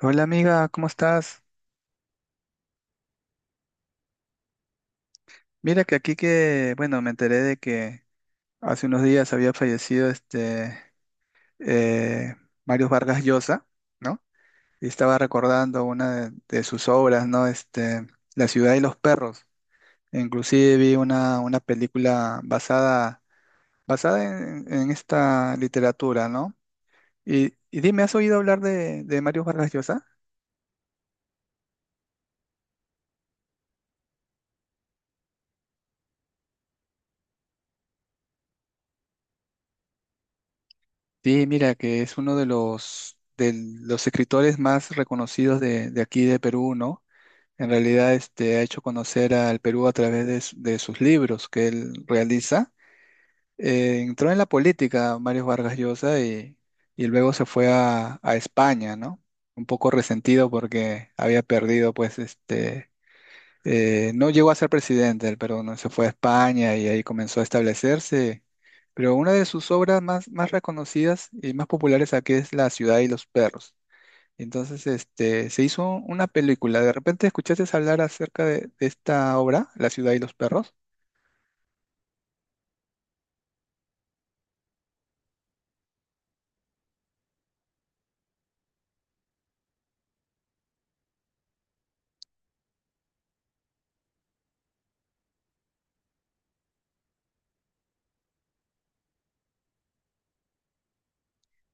Hola amiga, ¿cómo estás? Mira que aquí que, bueno, me enteré de que hace unos días había fallecido este eh, Mario Vargas Llosa, ¿no? Y estaba recordando una de sus obras, ¿no? Este, La ciudad y los perros. Inclusive vi una película basada, basada en esta literatura, ¿no? Y dime, ¿has oído hablar de Mario Vargas Llosa? Sí, mira que es uno de los escritores más reconocidos de aquí de Perú, ¿no? En realidad, este, ha hecho conocer al Perú a través de sus libros que él realiza. Entró en la política Mario Vargas Llosa y luego se fue a España, ¿no? Un poco resentido porque había perdido, pues, este, no llegó a ser presidente del Perú, ¿no? Se fue a España y ahí comenzó a establecerse. Pero una de sus obras más, más reconocidas y más populares aquí es La ciudad y los perros. Entonces, este, se hizo una película. ¿De repente escuchaste hablar acerca de esta obra, La ciudad y los perros?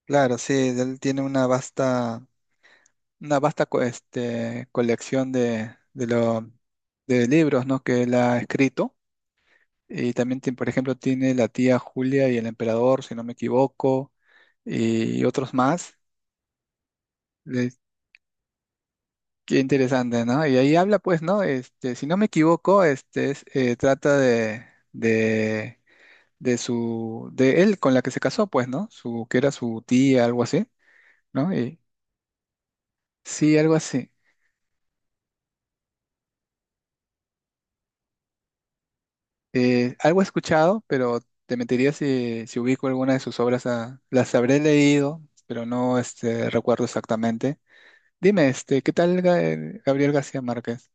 Claro, sí, él tiene una vasta este, colección de libros, ¿no?, que él ha escrito. Y también tiene, por ejemplo, tiene La tía Julia y el emperador, si no me equivoco, y otros más. Le- Qué interesante, ¿no? Y ahí habla, pues, ¿no? Este, si no me equivoco, este es, trata de su, de él con la que se casó, pues, ¿no? Su, que era su tía, algo así, ¿no? Y, sí, algo así. Algo he escuchado, pero te mentiría si ubico alguna de sus obras, ah, las habré leído, pero no este, recuerdo exactamente. Dime, este, ¿qué tal Gabriel García Márquez?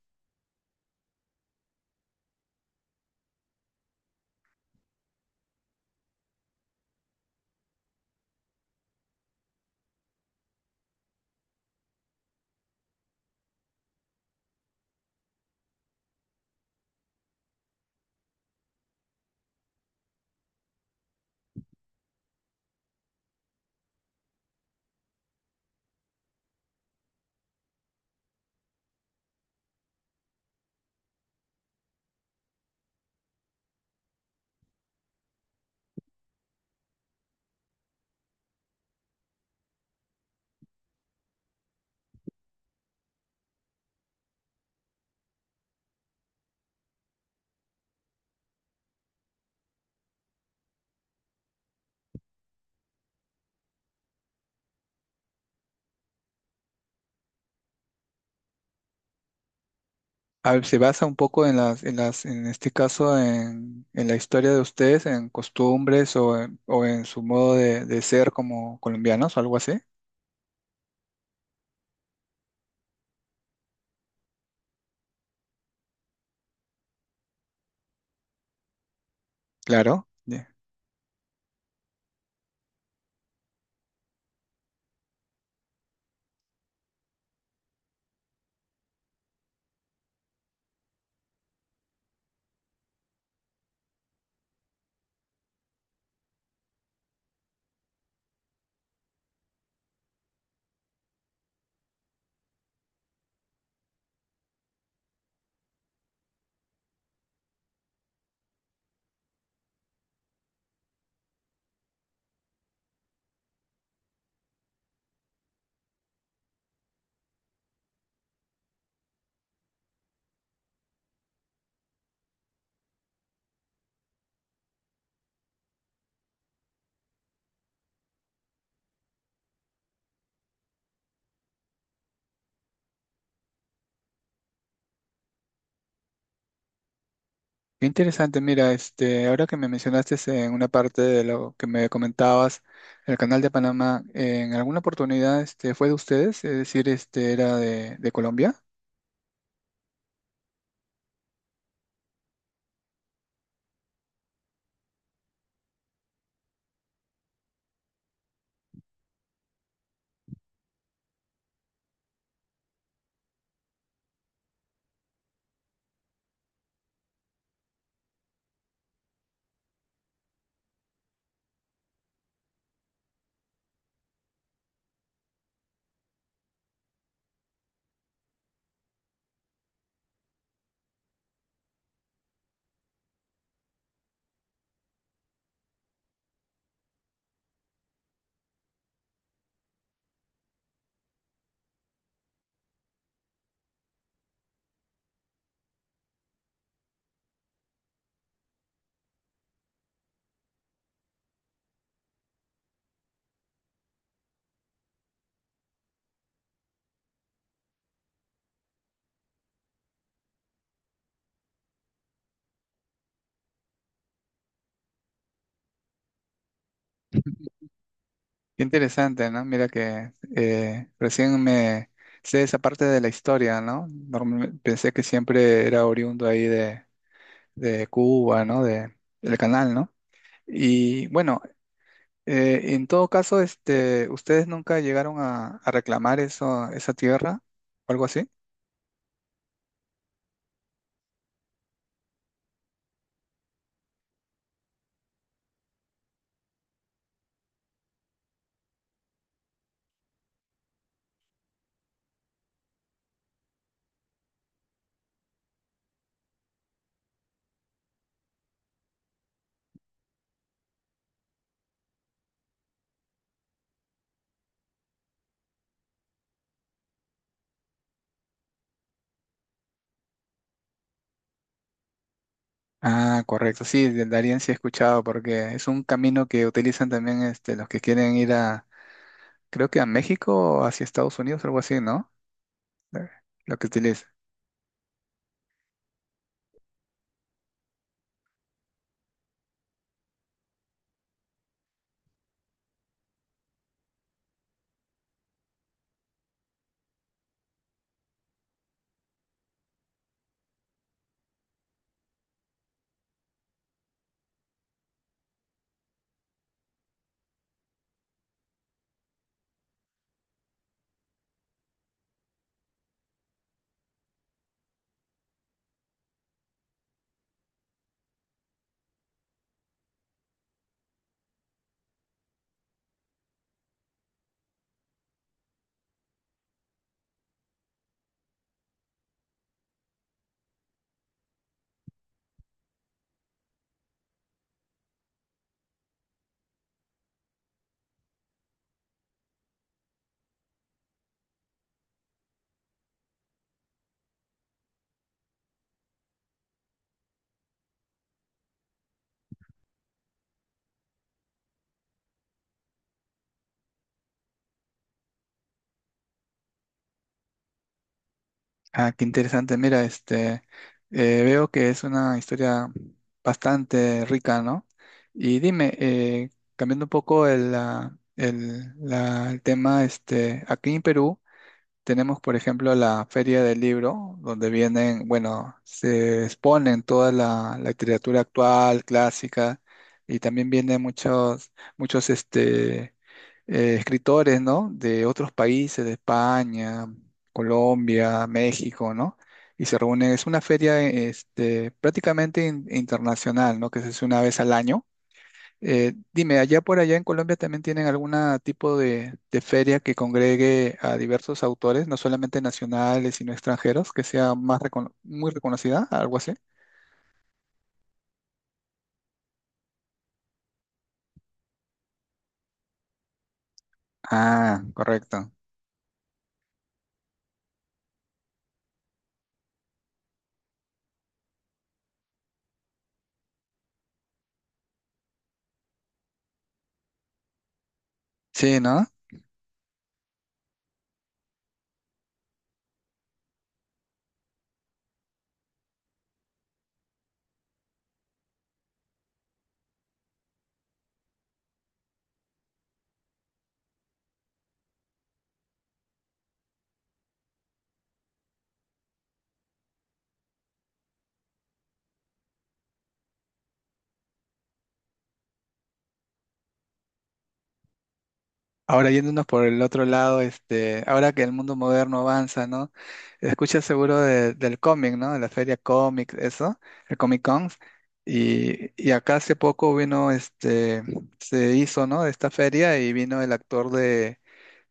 A ver, se basa un poco en las, en las, en este caso, en la historia de ustedes, en costumbres o en su modo de ser como colombianos o algo así. Claro. Qué interesante, mira, este, ahora que me mencionaste en una parte de lo que me comentabas, el canal de Panamá, ¿en alguna oportunidad este, fue de ustedes? Es decir, este, ¿era de Colombia? Qué interesante, ¿no? Mira que recién me sé esa parte de la historia, ¿no? Normal- pensé que siempre era oriundo ahí de Cuba, ¿no? De, del canal, ¿no? Y bueno, en todo caso, este, ¿ustedes nunca llegaron a reclamar eso, esa tierra o algo así? Ah, correcto. Sí, de Darien sí he escuchado porque es un camino que utilizan también este, los que quieren ir a, creo que a México o hacia Estados Unidos, algo así, ¿no? Eh, lo que utilizan. Ah, qué interesante. Mira, este, veo que es una historia bastante rica, ¿no? Y dime, cambiando un poco el, ah, el, el tema, este, aquí en Perú. Tenemos, por ejemplo, la Feria del Libro, donde vienen, bueno, se exponen toda la literatura actual, clásica, y también vienen muchos, muchos este, escritores, ¿no? De otros países, de España, Colombia, México, ¿no? Y se reúnen, es una feria, este, prácticamente internacional, ¿no? Que se hace una vez al año dime, allá por allá en Colombia también tienen algún tipo de feria que congregue a diversos autores, no solamente nacionales, sino extranjeros, que sea más recono- muy reconocida, algo así. Ah, correcto. Sí, ¿no? Ahora yéndonos por el otro lado, este, ahora que el mundo moderno avanza, ¿no? Escuchas seguro del cómic, ¿no? De la feria cómic, eso, el Comic Con. Y acá hace poco vino, este, se hizo, ¿no? Esta feria y vino el actor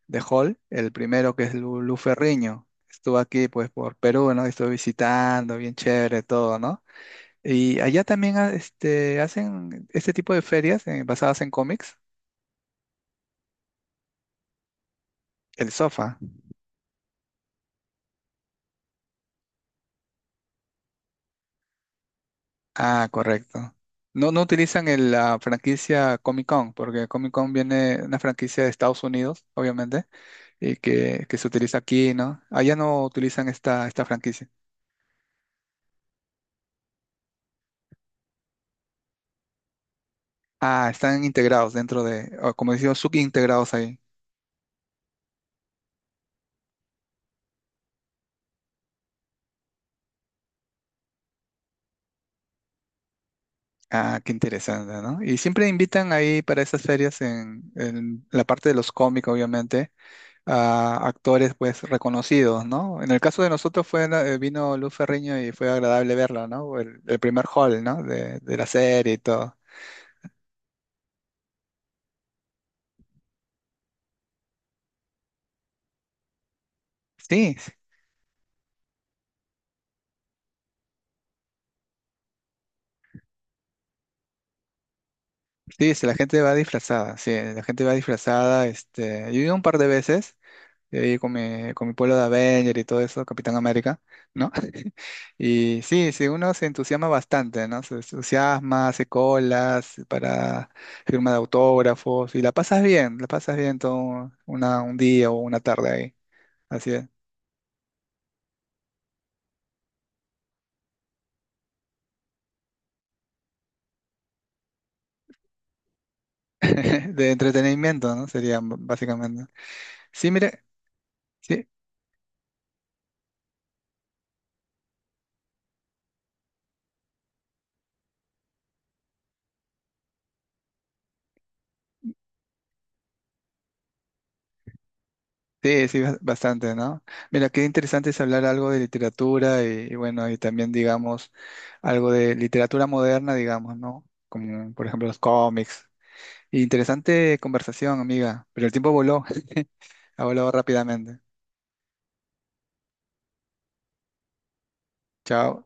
de Hall, el primero que es Lu Ferriño. Estuvo aquí pues por Perú, ¿no? Estuve visitando, bien chévere todo, ¿no? Y allá también ah, este, hacen este tipo de ferias basadas en cómics. El sofá. Ah, correcto. No, no utilizan la franquicia Comic Con, porque Comic Con viene una franquicia de Estados Unidos, obviamente, y que se utiliza aquí, ¿no? Allá no utilizan esta, esta franquicia. Ah, están integrados dentro de, o como decía, subintegrados ahí. Ah, qué interesante, ¿no? Y siempre invitan ahí para esas ferias en la parte de los cómicos, obviamente, a actores pues reconocidos, ¿no? En el caso de nosotros fue, vino Luz Ferriño y fue agradable verla, ¿no? El primer hall, ¿no? De la serie y todo. Sí, sí, sí, la gente va disfrazada, sí, la gente va disfrazada, este, yo he ido un par de veces, de ahí con mi pueblo de Avenger y todo eso, Capitán América, ¿no? Y sí, sí, uno se entusiasma bastante, ¿no? Se entusiasma, hace colas para firma de autógrafos y la pasas bien todo una, un día o una tarde ahí, así es. De entretenimiento, ¿no? Sería básicamente. Sí, mire, sí, sí, sí, bastante, ¿no? Mira, qué interesante es hablar algo de literatura y bueno, y también, digamos, algo de literatura moderna, digamos, ¿no? Como, por ejemplo, los cómics. Interesante conversación, amiga, pero el tiempo voló, ha volado rápidamente. Chao.